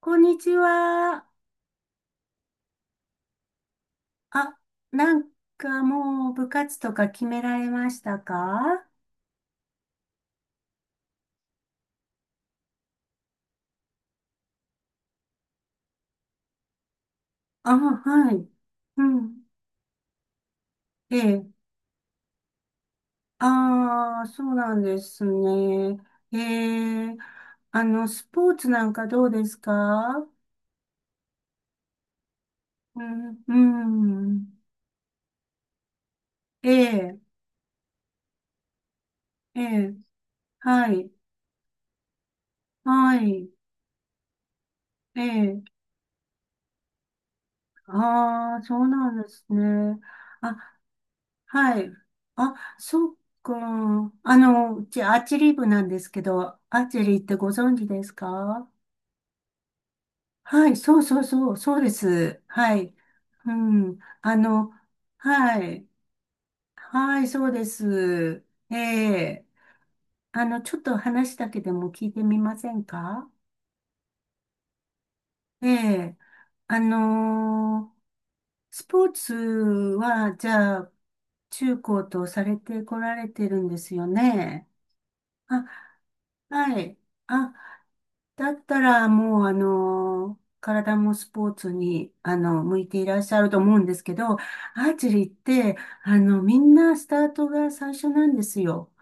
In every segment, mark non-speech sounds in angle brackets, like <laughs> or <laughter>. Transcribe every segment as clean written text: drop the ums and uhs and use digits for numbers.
こんにちは。あ、なんかもう部活とか決められましたか？あ、はい。うん。ええ。ああ、そうなんですね。ええ。スポーツなんかどうですか？うん、うん。ええ、ええ。はい。はい。ええ。ああ、そうなんですね。あ、はい。あ、そっか。うちアーチェリー部なんですけど、アーチェリーってご存知ですか？はい、そうそうそう、そうです。はい。うん。はい。はい、そうです。ええ。ちょっと話だけでも聞いてみませんか？ええ。あのースポーツは、じゃあ、中高とされてこられてるんですよね。あはい。あ、だったら、もう、体もスポーツに、向いていらっしゃると思うんですけど、アーチェリーって、みんなスタートが最初なんですよ。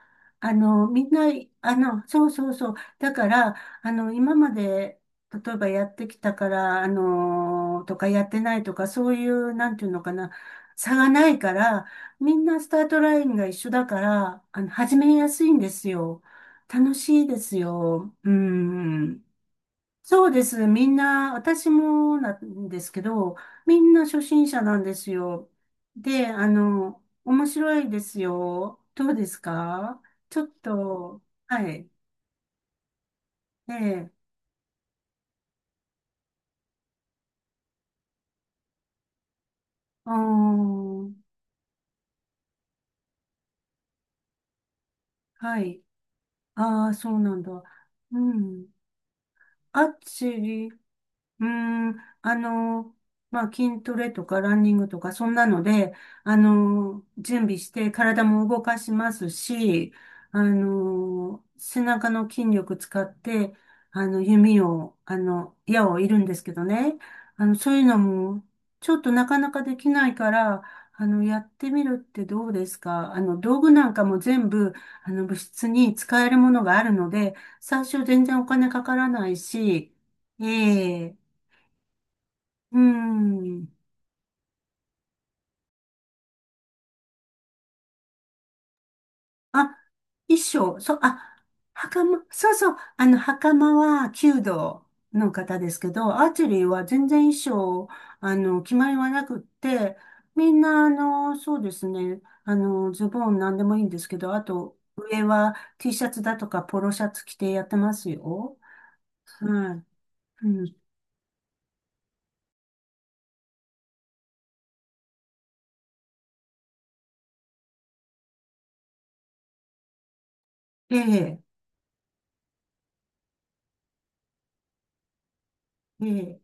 みんな、そうそうそう。だから、今まで、例えばやってきたから、とかやってないとか、そういう、なんていうのかな、差がないから、みんなスタートラインが一緒だから、始めやすいんですよ。楽しいですよ。うん。そうです。みんな、私もなんですけど、みんな初心者なんですよ。で、面白いですよ。どうですか？ちょっと、はい。ええ、あー、はい。ああ、そうなんだ。うん。アーチェリうーん、あの、まあ、筋トレとかランニングとか、そんなので、準備して体も動かしますし、背中の筋力使って、弓を、矢を射るんですけどね。そういうのも、ちょっとなかなかできないから、やってみるってどうですか？道具なんかも全部、部室に使えるものがあるので、最初全然お金かからないし、ええ、うーん。あ、衣装、そう、あ、袴、そうそう、袴は弓道の方ですけど、アーチェリーは全然衣装、決まりはなくって、みんな、そうですね、ズボンなんでもいいんですけど、あと、上は T シャツだとかポロシャツ着てやってますよ。はい。うん。ええ、ええ、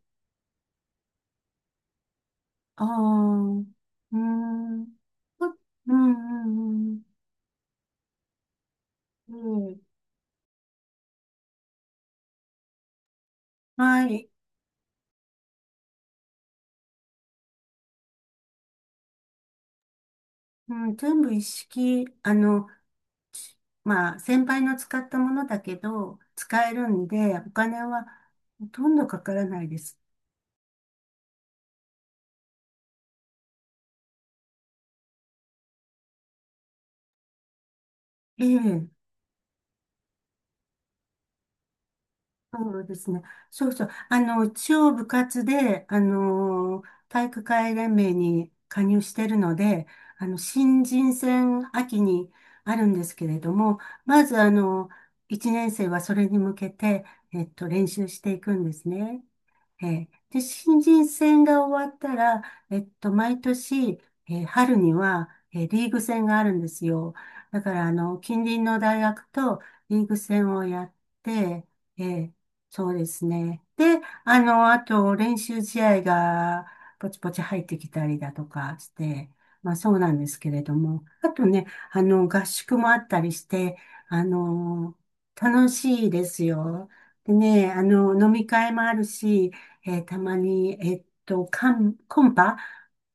ああ、うーん。あうん、うん、うん。うん、はい。うん、全部一式、ちまあ、先輩の使ったものだけど、使えるんで、お金はほとんどかからないです。ええ、そうですね。そうそう。一応部活で、体育会連盟に加入してるので、新人戦秋にあるんですけれども、まず、1年生はそれに向けて、練習していくんですね。で、新人戦が終わったら、毎年、春には、リーグ戦があるんですよ。だから、近隣の大学とリーグ戦をやって、えーそうですね。で、あと、練習試合が、ポチポチ入ってきたりだとかして、まあそうなんですけれども、あとね、合宿もあったりして、あの、楽しいですよ。でね、飲み会もあるし、たまに、コンパ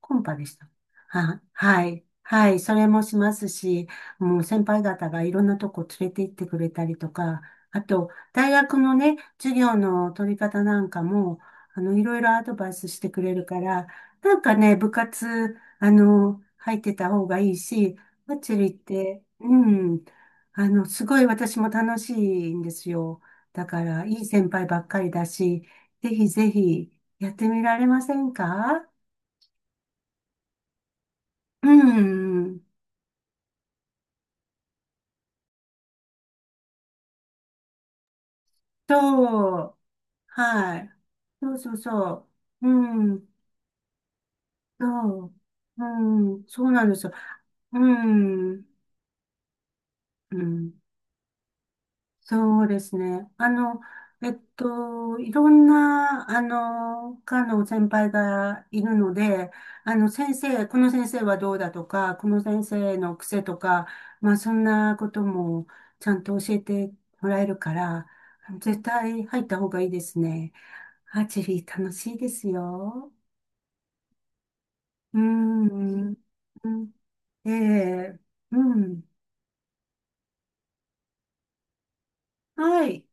でした。あ、はい。はい。それもしますし、もう先輩方がいろんなとこ連れて行ってくれたりとか、あと、大学のね、授業の取り方なんかも、いろいろアドバイスしてくれるから、なんかね、部活、入ってた方がいいし、バッチリって、うん、すごい私も楽しいんですよ。だから、いい先輩ばっかりだし、ぜひぜひやってみられませんか？うん。そう。はい。そうそうそう。うん。そう。うん。そうなんですよ。うん。うん。そうですね。いろんな、科の先輩がいるので、先生、この先生はどうだとか、この先生の癖とか、まあ、そんなこともちゃんと教えてもらえるから、絶対入った方がいいですね。アーチェリー楽しいですよ。うん、うん、ええ、うん、はい、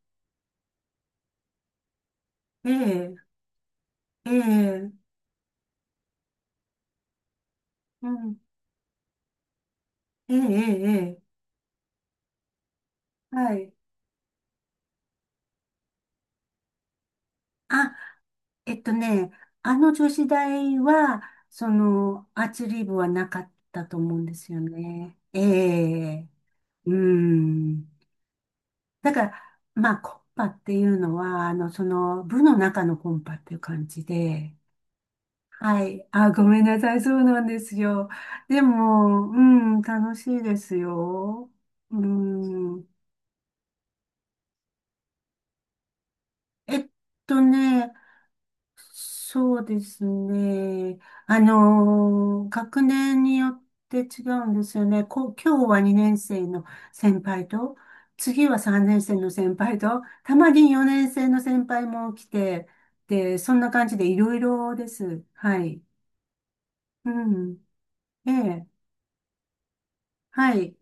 ええ、ええ、うん、ええ、ええ、ええ、はい。あ、えっとね、あの女子大は、その、アーチェリー部はなかったと思うんですよね。ええ、うん。だから、まあ、コンパっていうのは、その、部の中のコンパっていう感じで、はい。あ、ごめんなさい。そうなんですよ。でも、うん、楽しいですよ。うん。えっとね、そうですね。学年によって違うんですよね。今日は2年生の先輩と、次は3年生の先輩と、たまに4年生の先輩も来て、で、そんな感じでいろいろです。はい。うん。ええ。はい。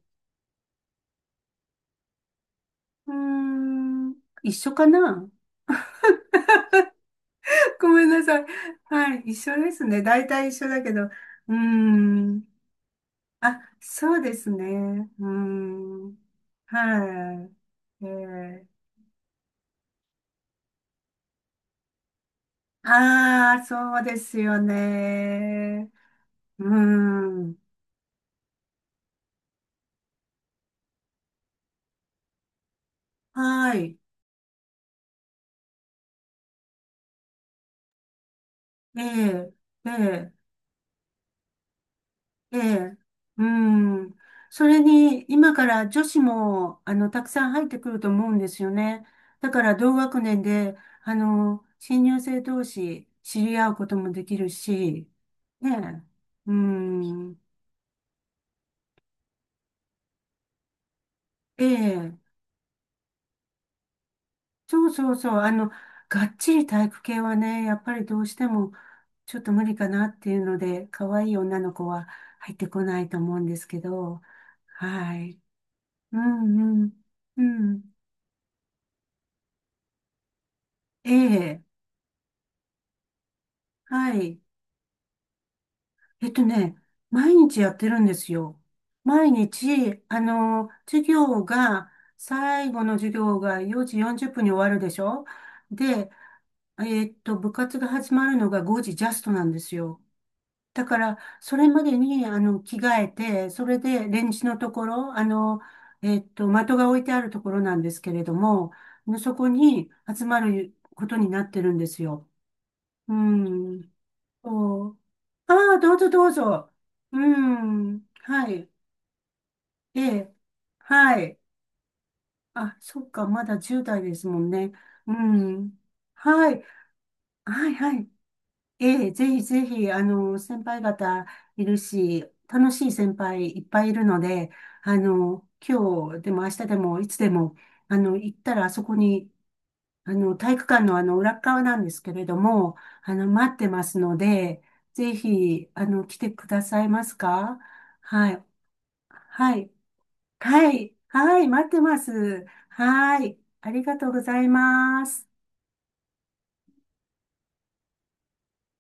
うーん。一緒かな？ <laughs> ごめんなさい。はい。一緒ですね。大体一緒だけど。うーん。あ、そうですね。うん。はい。ええ。ああ、そうですよね。うん。はい。ええ、ええ、ええ。うん。それに、今から女子も、たくさん入ってくると思うんですよね。だから、同学年で、新入生同士、知り合うこともできるし、ねえ。うん。ええ。そうそうそう。がっちり体育系はね、やっぱりどうしてもちょっと無理かなっていうので、可愛い女の子は入ってこないと思うんですけど、はい。うんうん。うん。ええ。はい。えっとね、毎日やってるんですよ。毎日、授業が、最後の授業が4時40分に終わるでしょ？で、部活が始まるのが5時ジャストなんですよ。だから、それまでに、着替えて、それで、レンジのところ、的が置いてあるところなんですけれども、そこに集まることになってるんですよ。うん。そう、ああ、どうぞどうぞ。うん。はい。ええ。はい。あ、そっか、まだ10代ですもんね。うん。はい。はい、はい。ええ、ぜひぜひ、先輩方いるし、楽しい先輩いっぱいいるので、今日でも明日でもいつでも、行ったらあそこに、体育館のあの、裏っ側なんですけれども、待ってますので、ぜひ、来てくださいますか？はい。はい。はい。はい。待ってます。はい。ありがとうございます。